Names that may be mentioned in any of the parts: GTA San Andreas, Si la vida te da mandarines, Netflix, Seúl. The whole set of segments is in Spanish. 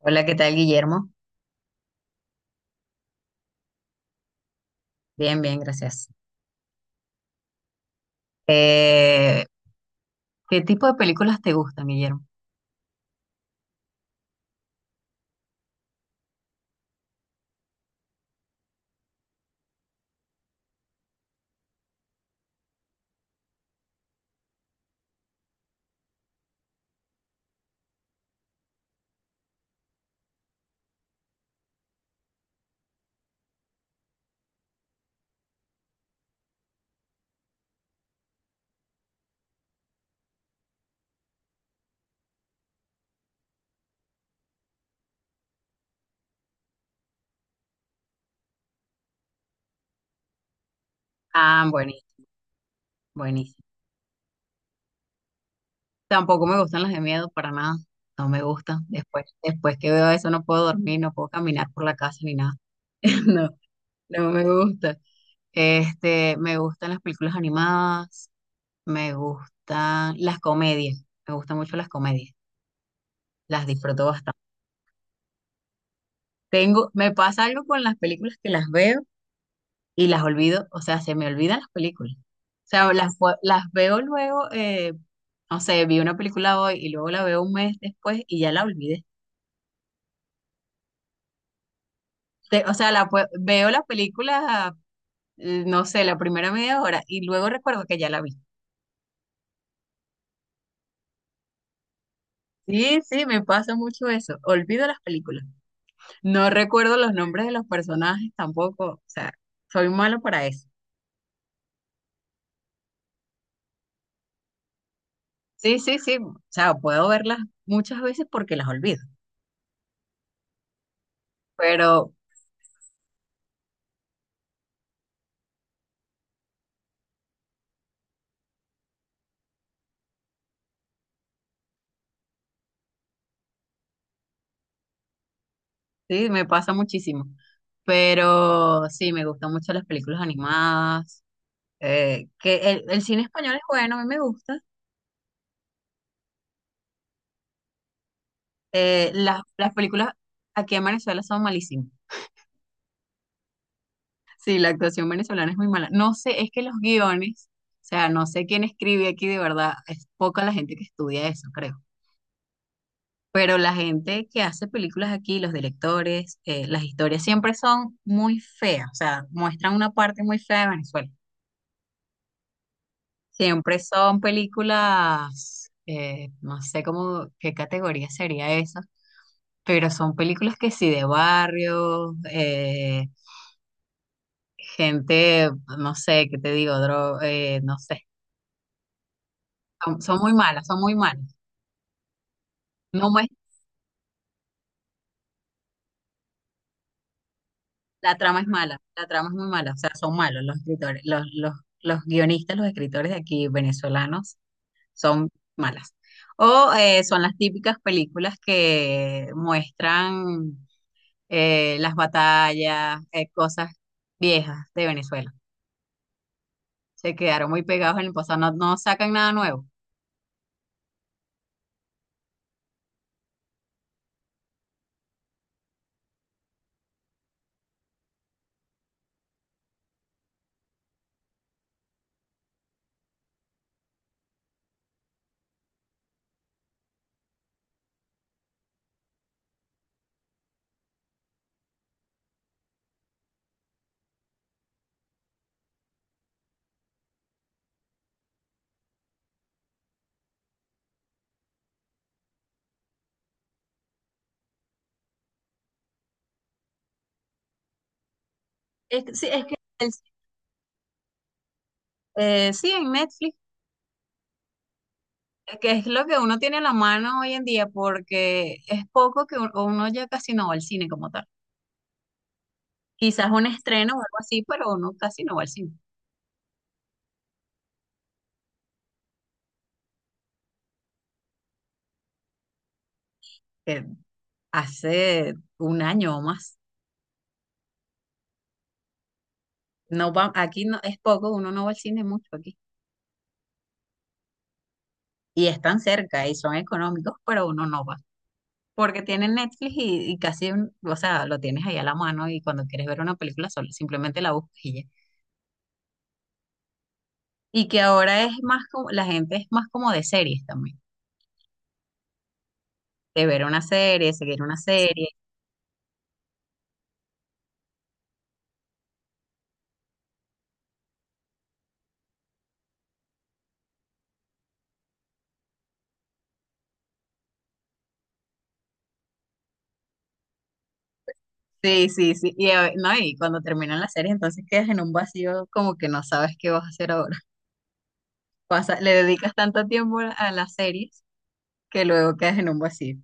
Hola, ¿qué tal, Guillermo? Bien, bien, gracias. Eh, ¿Qué tipo de películas te gustan, Guillermo? Ah, buenísimo, buenísimo. Tampoco me gustan las de miedo para nada. No me gustan. Después que veo eso no puedo dormir, no puedo caminar por la casa ni nada. No, no me gusta. Este, me gustan las películas animadas, me gustan las comedias, me gustan mucho las comedias, las disfruto bastante. Tengo, me pasa algo con las películas que las veo y las olvido, o sea, se me olvidan las películas. O sea, las veo luego, no sé, vi una película hoy y luego la veo un mes después y ya la olvidé. O sea, veo la película, no sé, la primera media hora y luego recuerdo que ya la vi. Sí, sí, me pasa mucho eso. Olvido las películas. No recuerdo los nombres de los personajes tampoco. O sea, soy malo para eso. Sí, sí, sí. O sea, puedo verlas muchas veces porque las olvido. Pero, sí, me pasa muchísimo. Pero sí, me gustan mucho las películas animadas. Que el cine español es bueno, a mí me gusta. Las películas aquí en Venezuela son malísimas. Sí, la actuación venezolana es muy mala. No sé, es que los guiones, o sea, no sé quién escribe aquí de verdad. Es poca la gente que estudia eso, creo. Pero la gente que hace películas aquí, los directores, las historias siempre son muy feas. O sea, muestran una parte muy fea de Venezuela. Siempre son películas, no sé cómo, qué categoría sería esa, pero son películas que sí de barrio, gente, no sé, qué te digo, no sé, son, son muy malas, son muy malas. No muest- La trama es mala, la trama es muy mala, o sea, son malos los escritores, los guionistas, los escritores de aquí venezolanos son malas. O Son las típicas películas que muestran las batallas, cosas viejas de Venezuela. Se quedaron muy pegados en el pasado, no, no sacan nada nuevo. Sí, es que sí, en Netflix, que es lo que uno tiene en la mano hoy en día, porque es poco que uno ya casi no va al cine como tal. Quizás un estreno o algo así, pero uno casi no va al cine. Eh, Hace un año o más. No va, aquí no, es poco, uno no va al cine mucho aquí. Y están cerca y son económicos, pero uno no va. Porque tienes Netflix y casi, o sea, lo tienes ahí a la mano y cuando quieres ver una película solo, simplemente la buscas y ya. Y que ahora es más como, la gente es más como de series también, de ver una serie, seguir una serie. Sí, sí, sí. No, y cuando terminan las series, entonces quedas en un vacío como que no sabes qué vas a hacer ahora. Le dedicas tanto tiempo a las series que luego quedas en un vacío.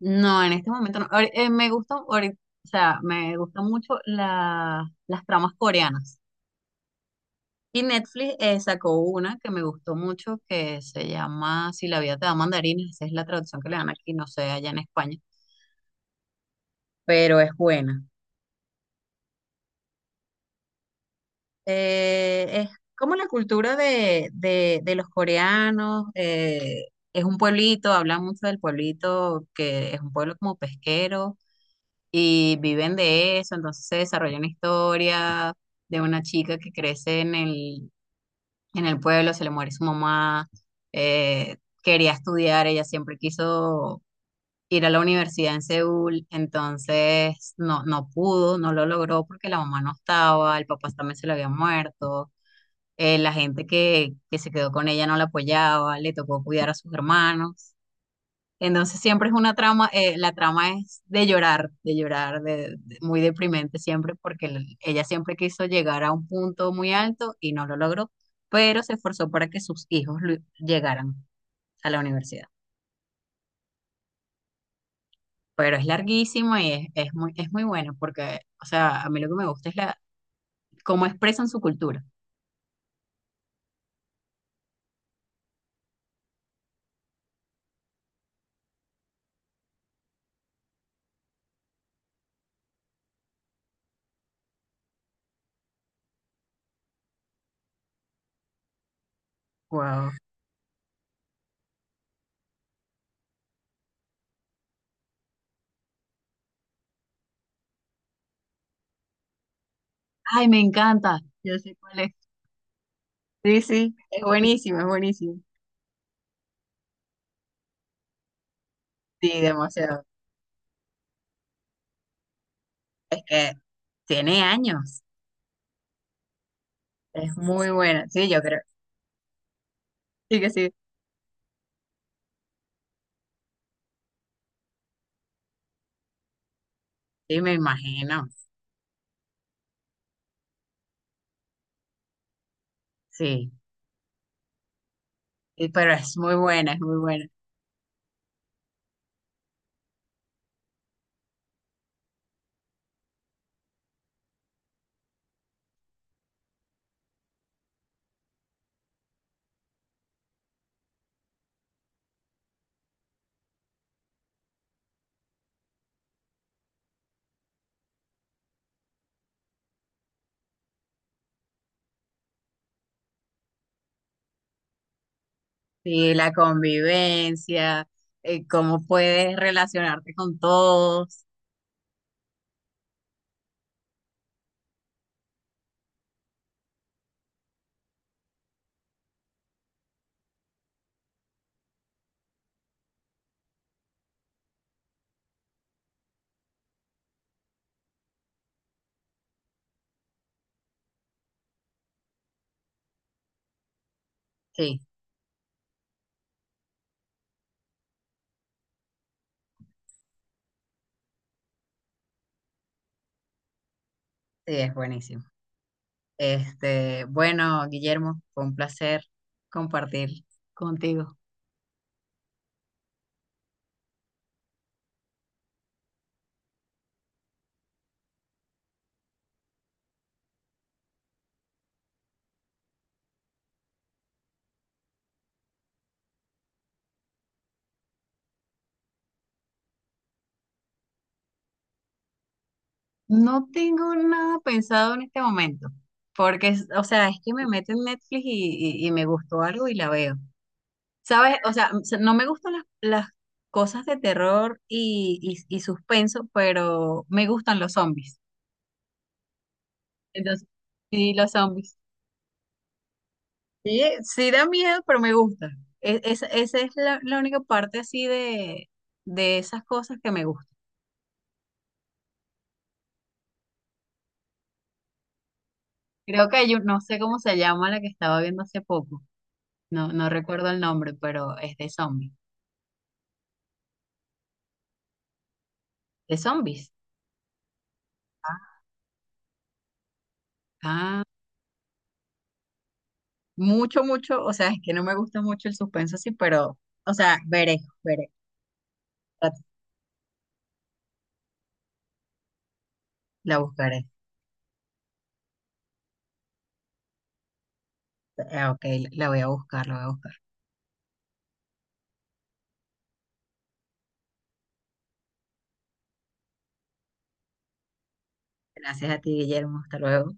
No, en este momento no. Me gusta, o sea, me gustan mucho las tramas coreanas. Y Netflix sacó una que me gustó mucho que se llama Si la vida te da mandarines, esa es la traducción que le dan aquí, no sé, allá en España, pero es buena. Es como la cultura de los coreanos, es un pueblito, hablan mucho del pueblito, que es un pueblo como pesquero y viven de eso, entonces se desarrolla una historia de una chica que crece en en el pueblo, se le muere su mamá, eh, quería estudiar, ella siempre quiso ir a la universidad en Seúl, entonces no, no pudo, no lo logró porque la mamá no estaba, el papá también se le había muerto, la gente que se quedó con ella no la apoyaba, le tocó cuidar a sus hermanos. Entonces siempre es una trama, la trama es de llorar, muy deprimente siempre, porque ella siempre quiso llegar a un punto muy alto y no lo logró, pero se esforzó para que sus hijos llegaran a la universidad. Pero es larguísima y es muy buena, porque, o sea, a mí lo que me gusta es la, cómo expresan su cultura. Wow. Ay, me encanta. Yo sé cuál es. Sí, sí, es buenísimo, es buenísimo. Sí, demasiado. Es que tiene años. Es muy buena. Sí, yo creo. Sí, que sí. Sí, me imagino. Sí, y- pero es muy buena, es muy buena. Sí, la convivencia, cómo puedes relacionarte con todos. Sí, sí, es buenísimo. Este, bueno, Guillermo, fue un placer compartir contigo. No tengo nada pensado en este momento, porque, o sea, es que me meto en Netflix y, y me gustó algo y la veo. ¿Sabes? O sea, no me gustan las cosas de terror y suspenso, pero me gustan los zombies. Entonces, sí, los zombies. Sí, sí da miedo, pero me gusta. Esa es la, la única parte así de esas cosas que me gustan. Creo que hay no sé cómo se llama la que estaba viendo hace poco. No, no recuerdo el nombre, pero es de zombies. ¿De zombies? Ah, mucho, mucho. O sea, es que no me gusta mucho el suspenso así, pero, o sea, veré, veré. La buscaré. Ah, ok, la voy a buscar, la voy a buscar. Gracias a ti, Guillermo. Hasta luego.